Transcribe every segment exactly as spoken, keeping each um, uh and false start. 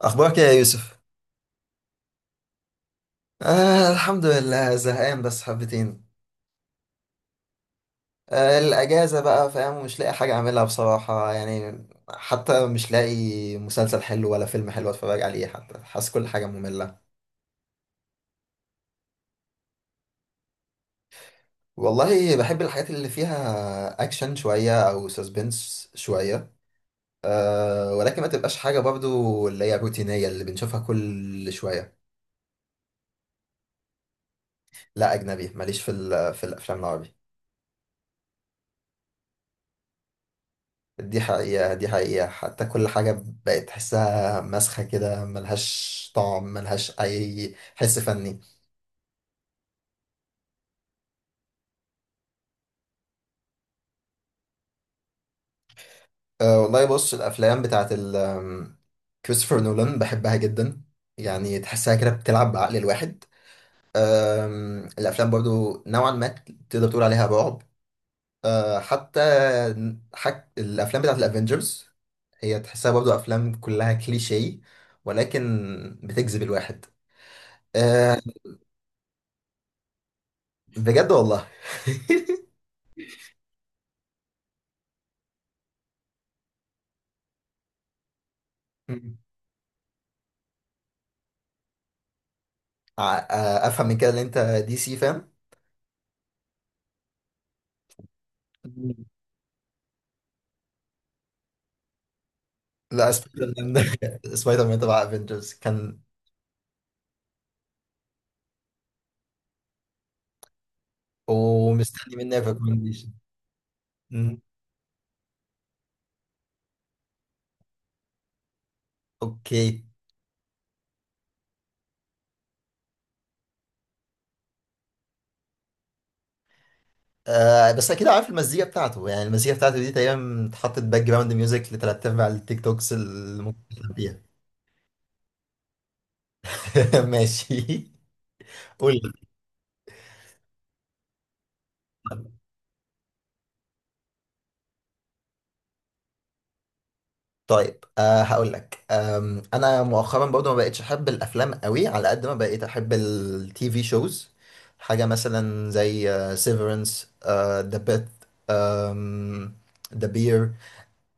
اخبارك يا يوسف؟ آه الحمد لله، زهقان بس حبتين. آه الاجازه بقى، فاهم؟ مش لاقي حاجه اعملها بصراحه، يعني حتى مش لاقي مسلسل حلو ولا فيلم حلو اتفرج عليه، حتى حاسس كل حاجه ممله. والله بحب الحاجات اللي فيها اكشن شويه او سسبنس شويه، آه ولكن ما تبقاش حاجه برضو اللي هي روتينيه اللي بنشوفها كل شويه. لا، اجنبي، ماليش في ال- في الافلام العربي. دي حقيقة، دي حقيقة، حتى كل حاجة بقت تحسها مسخة كده، ملهاش طعم، ملهاش أي حس فني. أه والله، بص، الأفلام بتاعت ال آم، كريستوفر نولان بحبها جدا، يعني تحسها كده بتلعب بعقل الواحد. أم، الأفلام برضو نوعا ما تقدر تقول عليها رعب. أه حتى حك... الأفلام بتاعت الأفينجرز، هي تحسها برضو أفلام كلها كليشيه، ولكن بتجذب الواحد. أه، بجد والله. ع- آه، افهم من كده ان انت دي سي، فاهم؟ مم. لا، سبايدر مان. ده سبايدر مان تبع افنجرز كان. ومستني منه ريكومنديشن. اوكي. آه بس اكيد عارف المزيكا بتاعته، يعني المزيكا بتاعته دي تقريبا اتحطت باك جراوند ميوزك لتلات ارباع التيك توكس اللي ممكن تلعب بيها. ماشي. قول لي. طيب، آه هقول لك، آم، انا مؤخرا برضه ما بقتش احب الافلام قوي على قد ما بقيت احب التي في شوز. حاجه مثلا زي سيفرنس، ذا أم، ذا بير.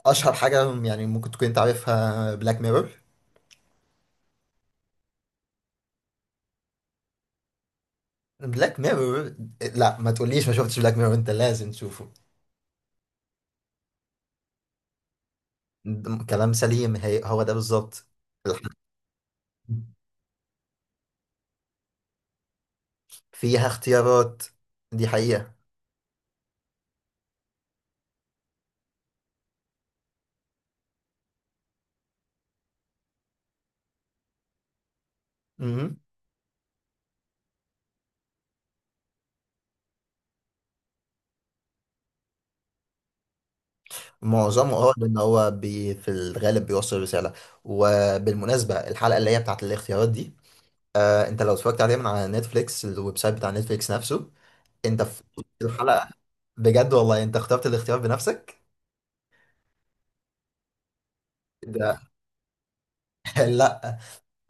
اشهر حاجه يعني ممكن تكون انت عارفها، بلاك ميرور. بلاك ميرور. لا، ما تقوليش ما شفتش بلاك ميرور، انت لازم تشوفه. ده كلام سليم، هي هو ده بالظبط. الح- فيها اختيارات، دي حقيقه. مهم. معظمه، اه لان هو بي في الغالب بيوصل رساله. وبالمناسبه الحلقه اللي هي بتاعت الاختيارات دي، آه انت لو اتفرجت عليها من على نتفليكس، الويب سايت بتاع نتفليكس نفسه، انت في الحلقه بجد والله انت اخترت الاختيار بنفسك. ده. لا.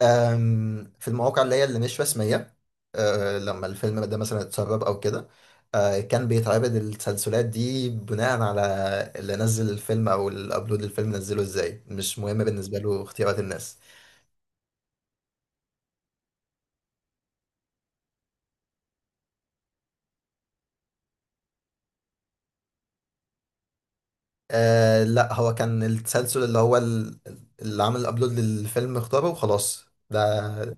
أم، في المواقع اللي هي اللي مش رسمية، أه، لما الفيلم ده مثلا اتسرب أو كده، أه، كان بيتعرض التسلسلات دي بناء على اللي نزل الفيلم أو اللي أبلود الفيلم، نزله إزاي مش مهم بالنسبة له اختيارات الناس. أه، لا، هو كان التسلسل اللي هو ال- اللي عمل الأبلود للفيلم اختاره وخلاص. ده.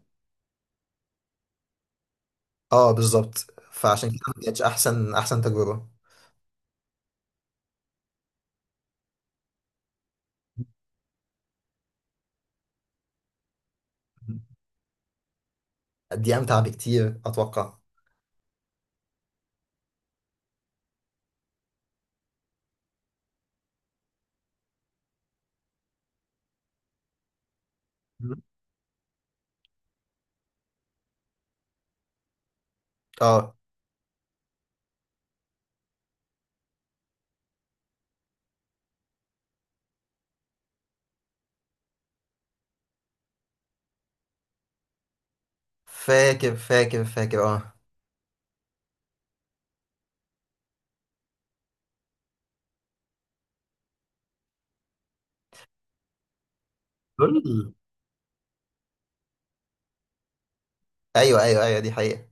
اه، بالظبط، فعشان كده ما كانتش أحسن أحسن تجربة. دي أمتع بكتير أتوقع. اه، فاكر فاكر فاكر، اه. دول. ايوه ايوه ايوه، دي حقيقة.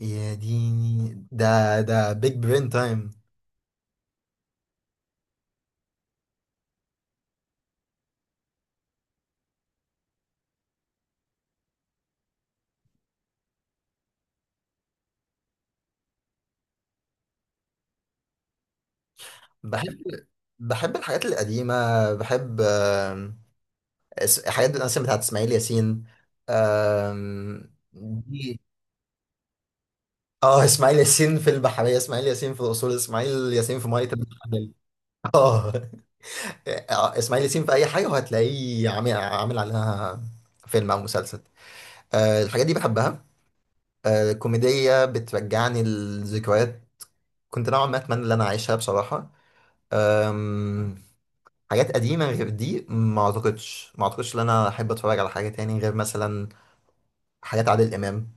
يا ديني، ده ده بيج برين تايم. بحب. بحب الحاجات القديمة. بحب، آم، اس- حاجات مثلا بتاعت اسماعيل ياسين، آم، دي. اه، اسماعيل ياسين في البحرية، اسماعيل ياسين في الأصول، اسماعيل ياسين في مية البحرية. اه. آه، اسماعيل ياسين في أي حاجة وهتلاقيه عامل عامل عليها فيلم أو مسلسل. آه، الحاجات دي بحبها. آه، الكوميديا بترجعني لذكريات، كنت نوعا ما اتمنى ان انا اعيشها بصراحه. أم... حاجات قديمه غير دي ما اعتقدش ما اعتقدش ان انا احب اتفرج على حاجه تاني غير مثلا حاجات عادل امام.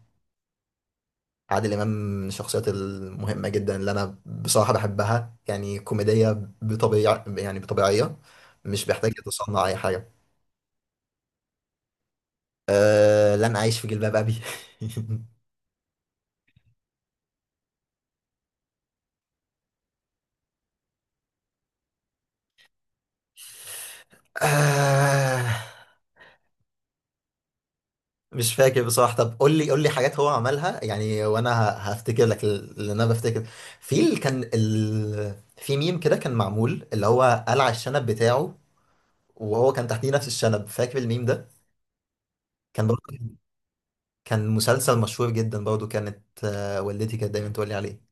عادل امام من الشخصيات المهمه جدا اللي انا بصراحه بحبها، يعني كوميديه بطبيعه، يعني بطبيعيه، مش بيحتاج يتصنع اي حاجه. أه... لن اعيش في جلباب ابي. أه... مش فاكر بصراحة. طب قول لي قول لي حاجات هو عملها يعني وانا ه- هفتكر لك اللي انا بفتكر. في ال... كان ال... في ميم كده كان معمول اللي هو قلع الشنب بتاعه، وهو كان تحتيه نفس الشنب، فاكر الميم ده؟ كان برضه كان مسلسل مشهور جدا برضه، كانت آه، والدتي كانت دايما تقول لي عليه.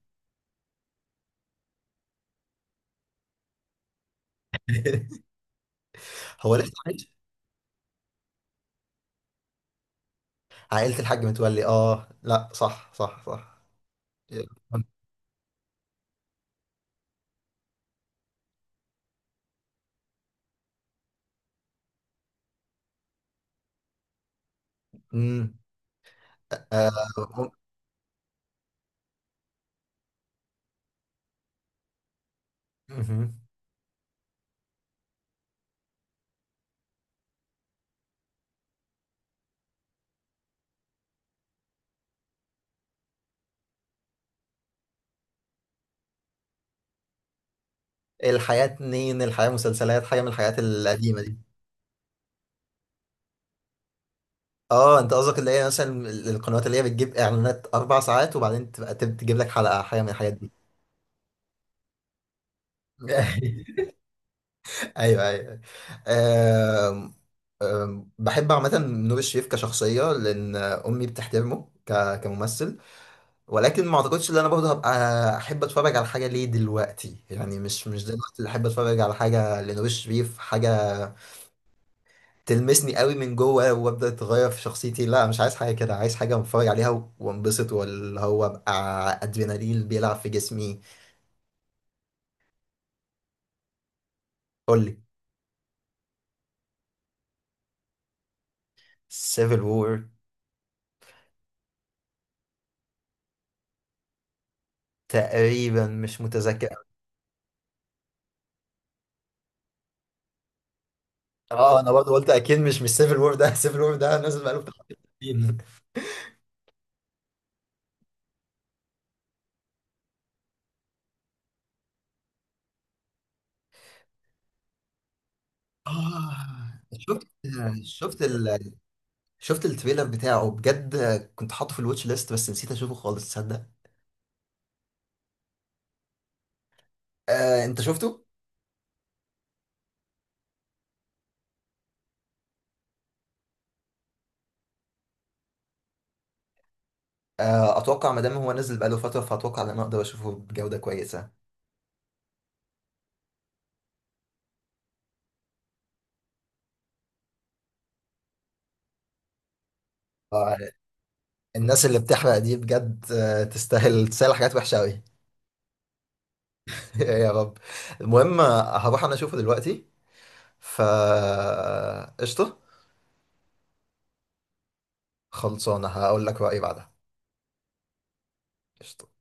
هو لسه عايش؟ عائلة الحاج متولي، اه، لا، صح صح صح. امم. آه. مم. الحياة اتنين، الحياة مسلسلات، حاجة من الحاجات القديمة دي. اه، انت قصدك اللي هي مثلا ال- القنوات اللي هي بتجيب اعلانات اربع ساعات وبعدين تبقى تب- تجيب لك حلقه حاجه من الحاجات دي. ايوه ايوه. آم، آم، بحب عامه نور الشريف كشخصيه لان امي بتحترمه ك- كممثل، ولكن ما اعتقدش ان انا برضه هبقى احب اتفرج على حاجه ليه دلوقتي، يعني مش مش دلوقتي اللي احب اتفرج على حاجه لنور الشريف، حاجه تلمسني قوي من جوه وابدا اتغير في شخصيتي. لا، مش عايز حاجه كده، عايز حاجه اتفرج عليها و- وانبسط، واللي هو ابقى ادرينالين بيلعب في جسمي. قول لي. سيفل وور. تقريبا مش متذكر. اه انا برضه قلت اكيد مش مش سيفل وور ده. سيفل وور ده نازل بقاله بتاع تلاتين. اه شفت شفت ال شفت التريلر بتاعه بجد، كنت حاطه في الواتش ليست بس نسيت اشوفه خالص، تصدق؟ آه انت شفته؟ آه اتوقع ما دام هو نزل بقاله فتره فاتوقع ان انا اقدر اشوفه بجوده كويسه. آه، الناس اللي بتحرق دي بجد آه، تستاهل، تستاهل حاجات وحشة أوي. يا رب. المهم آه، هروح أنا أشوفه دلوقتي، فا قشطة. خلصانة هقول لك رأيي بعدها. قشطة.